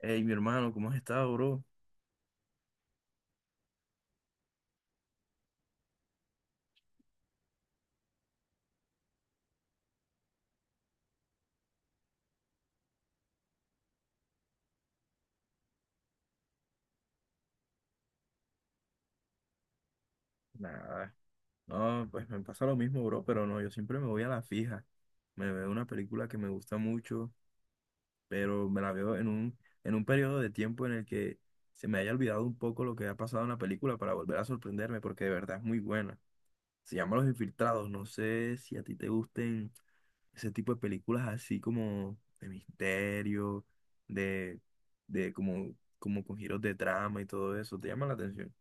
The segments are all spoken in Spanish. Hey, mi hermano, ¿cómo has estado, bro? Nada, no, pues me pasa lo mismo, bro, pero no, yo siempre me voy a la fija. Me veo una película que me gusta mucho, pero me la veo en en un periodo de tiempo en el que se me haya olvidado un poco lo que ha pasado en la película para volver a sorprenderme, porque de verdad es muy buena. Se llama Los Infiltrados, no sé si a ti te gusten ese tipo de películas así como de misterio, de, de como, como con giros de trama y todo eso. ¿Te llama la atención?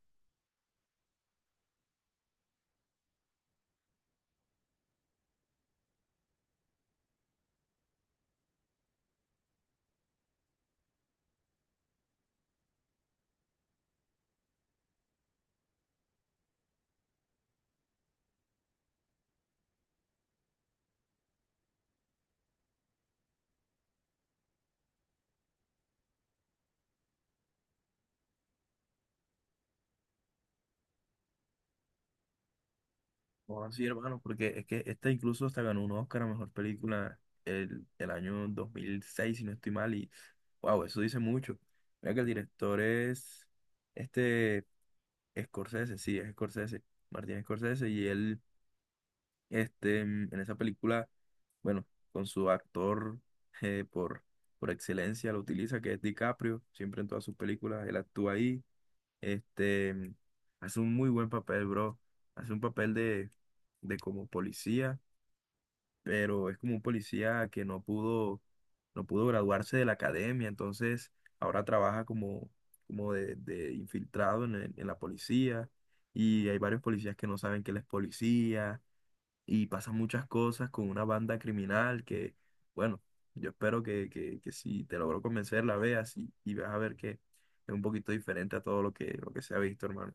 Oh, sí, hermano, porque es que esta incluso hasta ganó un Oscar a mejor película el año 2006, si no estoy mal, y wow, eso dice mucho. Mira que el director es este Scorsese, sí, es Scorsese, Martin Scorsese, y él en esa película, bueno, con su actor eh, por, por excelencia lo utiliza, que es DiCaprio. Siempre en todas sus películas él actúa ahí. este, mm, Hace un muy buen papel, bro. Hace un papel de como policía, pero es como un policía que no pudo, no pudo graduarse de la academia, entonces ahora trabaja como, como de infiltrado en, en la policía, y hay varios policías que no saben que él es policía, y pasan muchas cosas con una banda criminal que, bueno, yo espero que, que si te logro convencer la veas, y vas a ver que es un poquito diferente a todo lo que se ha visto, hermano.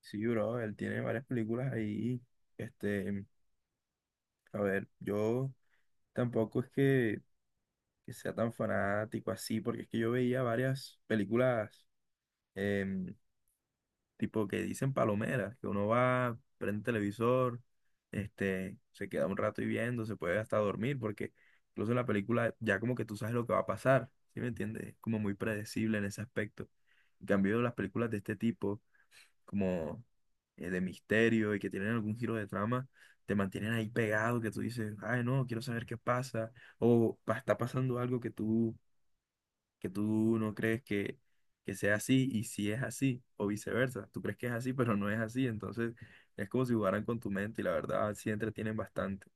Sí, bro, él tiene varias películas ahí. Este, a ver, yo tampoco es que sea tan fanático así, porque es que yo veía varias películas, em, tipo que dicen palomeras, que uno va, prende el televisor, se queda un rato y viendo, se puede hasta dormir, porque incluso en la película ya como que tú sabes lo que va a pasar. ¿Sí me entiendes? Es como muy predecible en ese aspecto. En cambio, las películas de este tipo, como de misterio y que tienen algún giro de trama, te mantienen ahí pegado, que tú dices, ay, no, quiero saber qué pasa, o está pasando algo que tú no crees que sea así, y si es así, o viceversa, tú crees que es así, pero no es así. Entonces es como si jugaran con tu mente, y la verdad sí entretienen bastante.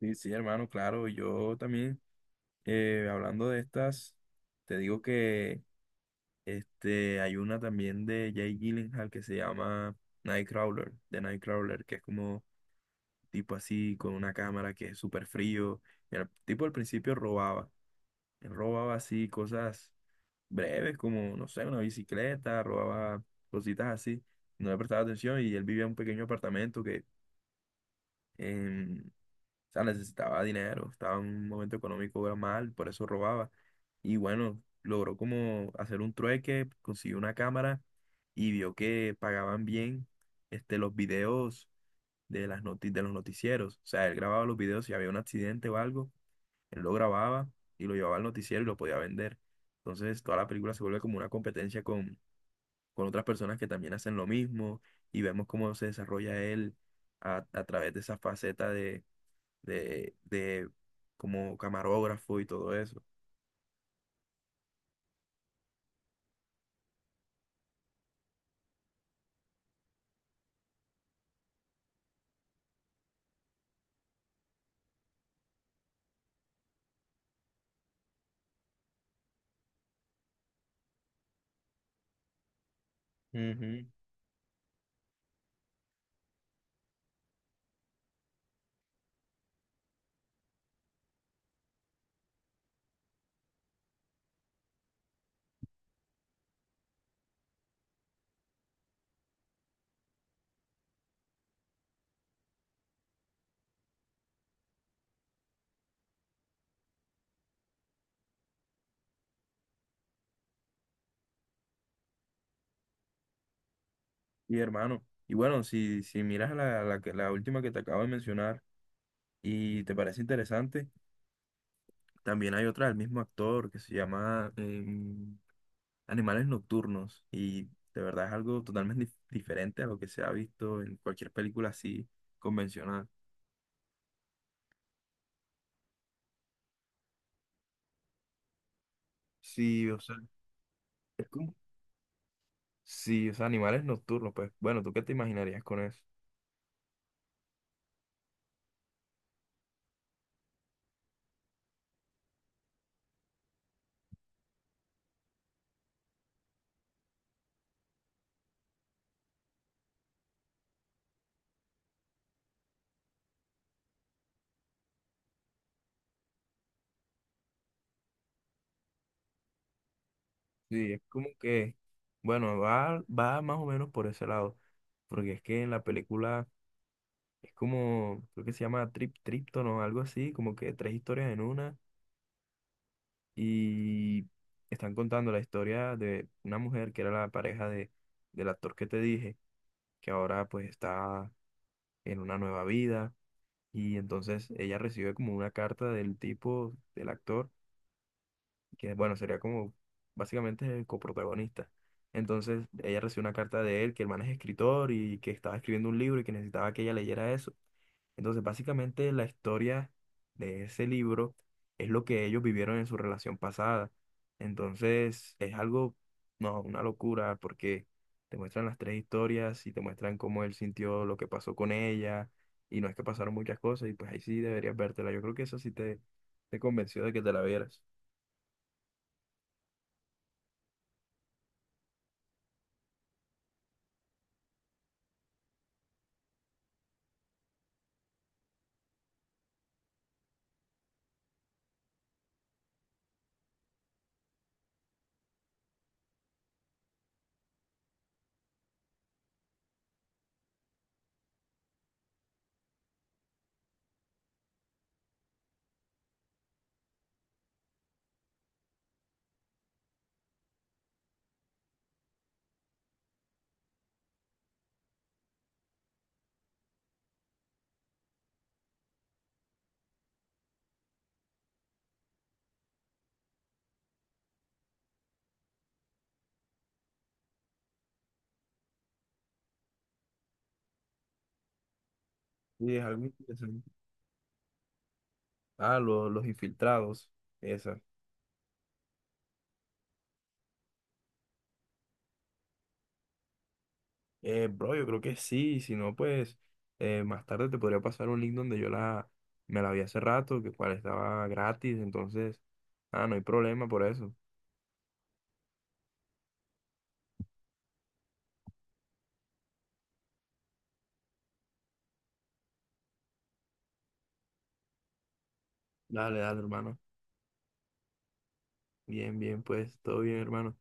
Sí, sí, hermano, claro, yo también, hablando de estas, te digo que... hay una también de Jay Gyllenhaal que se llama Nightcrawler, de Nightcrawler, que es como tipo así con una cámara que es súper frío. Y el tipo al principio robaba, él robaba así cosas breves como, no sé, una bicicleta, robaba cositas así. No le prestaba atención, y él vivía en un pequeño apartamento que, o sea, necesitaba dinero, estaba en un momento económico mal, por eso robaba. Y bueno, logró como hacer un trueque, consiguió una cámara y vio que pagaban bien los videos de los noticieros. O sea, él grababa los videos si había un accidente o algo, él lo grababa y lo llevaba al noticiero y lo podía vender. Entonces toda la película se vuelve como una competencia con otras personas que también hacen lo mismo, y vemos cómo se desarrolla él a través de esa faceta de como camarógrafo y todo eso. Ujú. Y hermano, y bueno, si, si miras la, la última que te acabo de mencionar y te parece interesante, también hay otra del mismo actor que se llama Animales Nocturnos, y de verdad es algo totalmente diferente a lo que se ha visto en cualquier película así convencional. Sí, o sea, es como... Sí, o sea, Animales Nocturnos, pues bueno, ¿tú qué te imaginarías con eso? Sí, es como que, bueno, va, va más o menos por ese lado, porque es que en la película es como, creo que se llama Trip Tripton o algo así, como que tres historias en una, y están contando la historia de una mujer que era la pareja del actor que te dije, que ahora pues está en una nueva vida, y entonces ella recibe como una carta del tipo, del actor que, bueno, sería como básicamente el coprotagonista. Entonces ella recibió una carta de él, que el man es escritor y que estaba escribiendo un libro y que necesitaba que ella leyera eso. Entonces básicamente la historia de ese libro es lo que ellos vivieron en su relación pasada. Entonces es algo, no, una locura, porque te muestran las tres historias y te muestran cómo él sintió lo que pasó con ella, y no, es que pasaron muchas cosas y pues ahí sí deberías vértela. Yo creo que eso sí te convenció de que te la vieras. Sí, es algo interesante. Ah, los infiltrados, esa. Bro, yo creo que sí, si no, pues más tarde te podría pasar un link donde yo la, me la vi hace rato, que cual estaba gratis, entonces, ah, no hay problema por eso. Dale, dale, hermano. Bien, bien, pues, todo bien, hermano.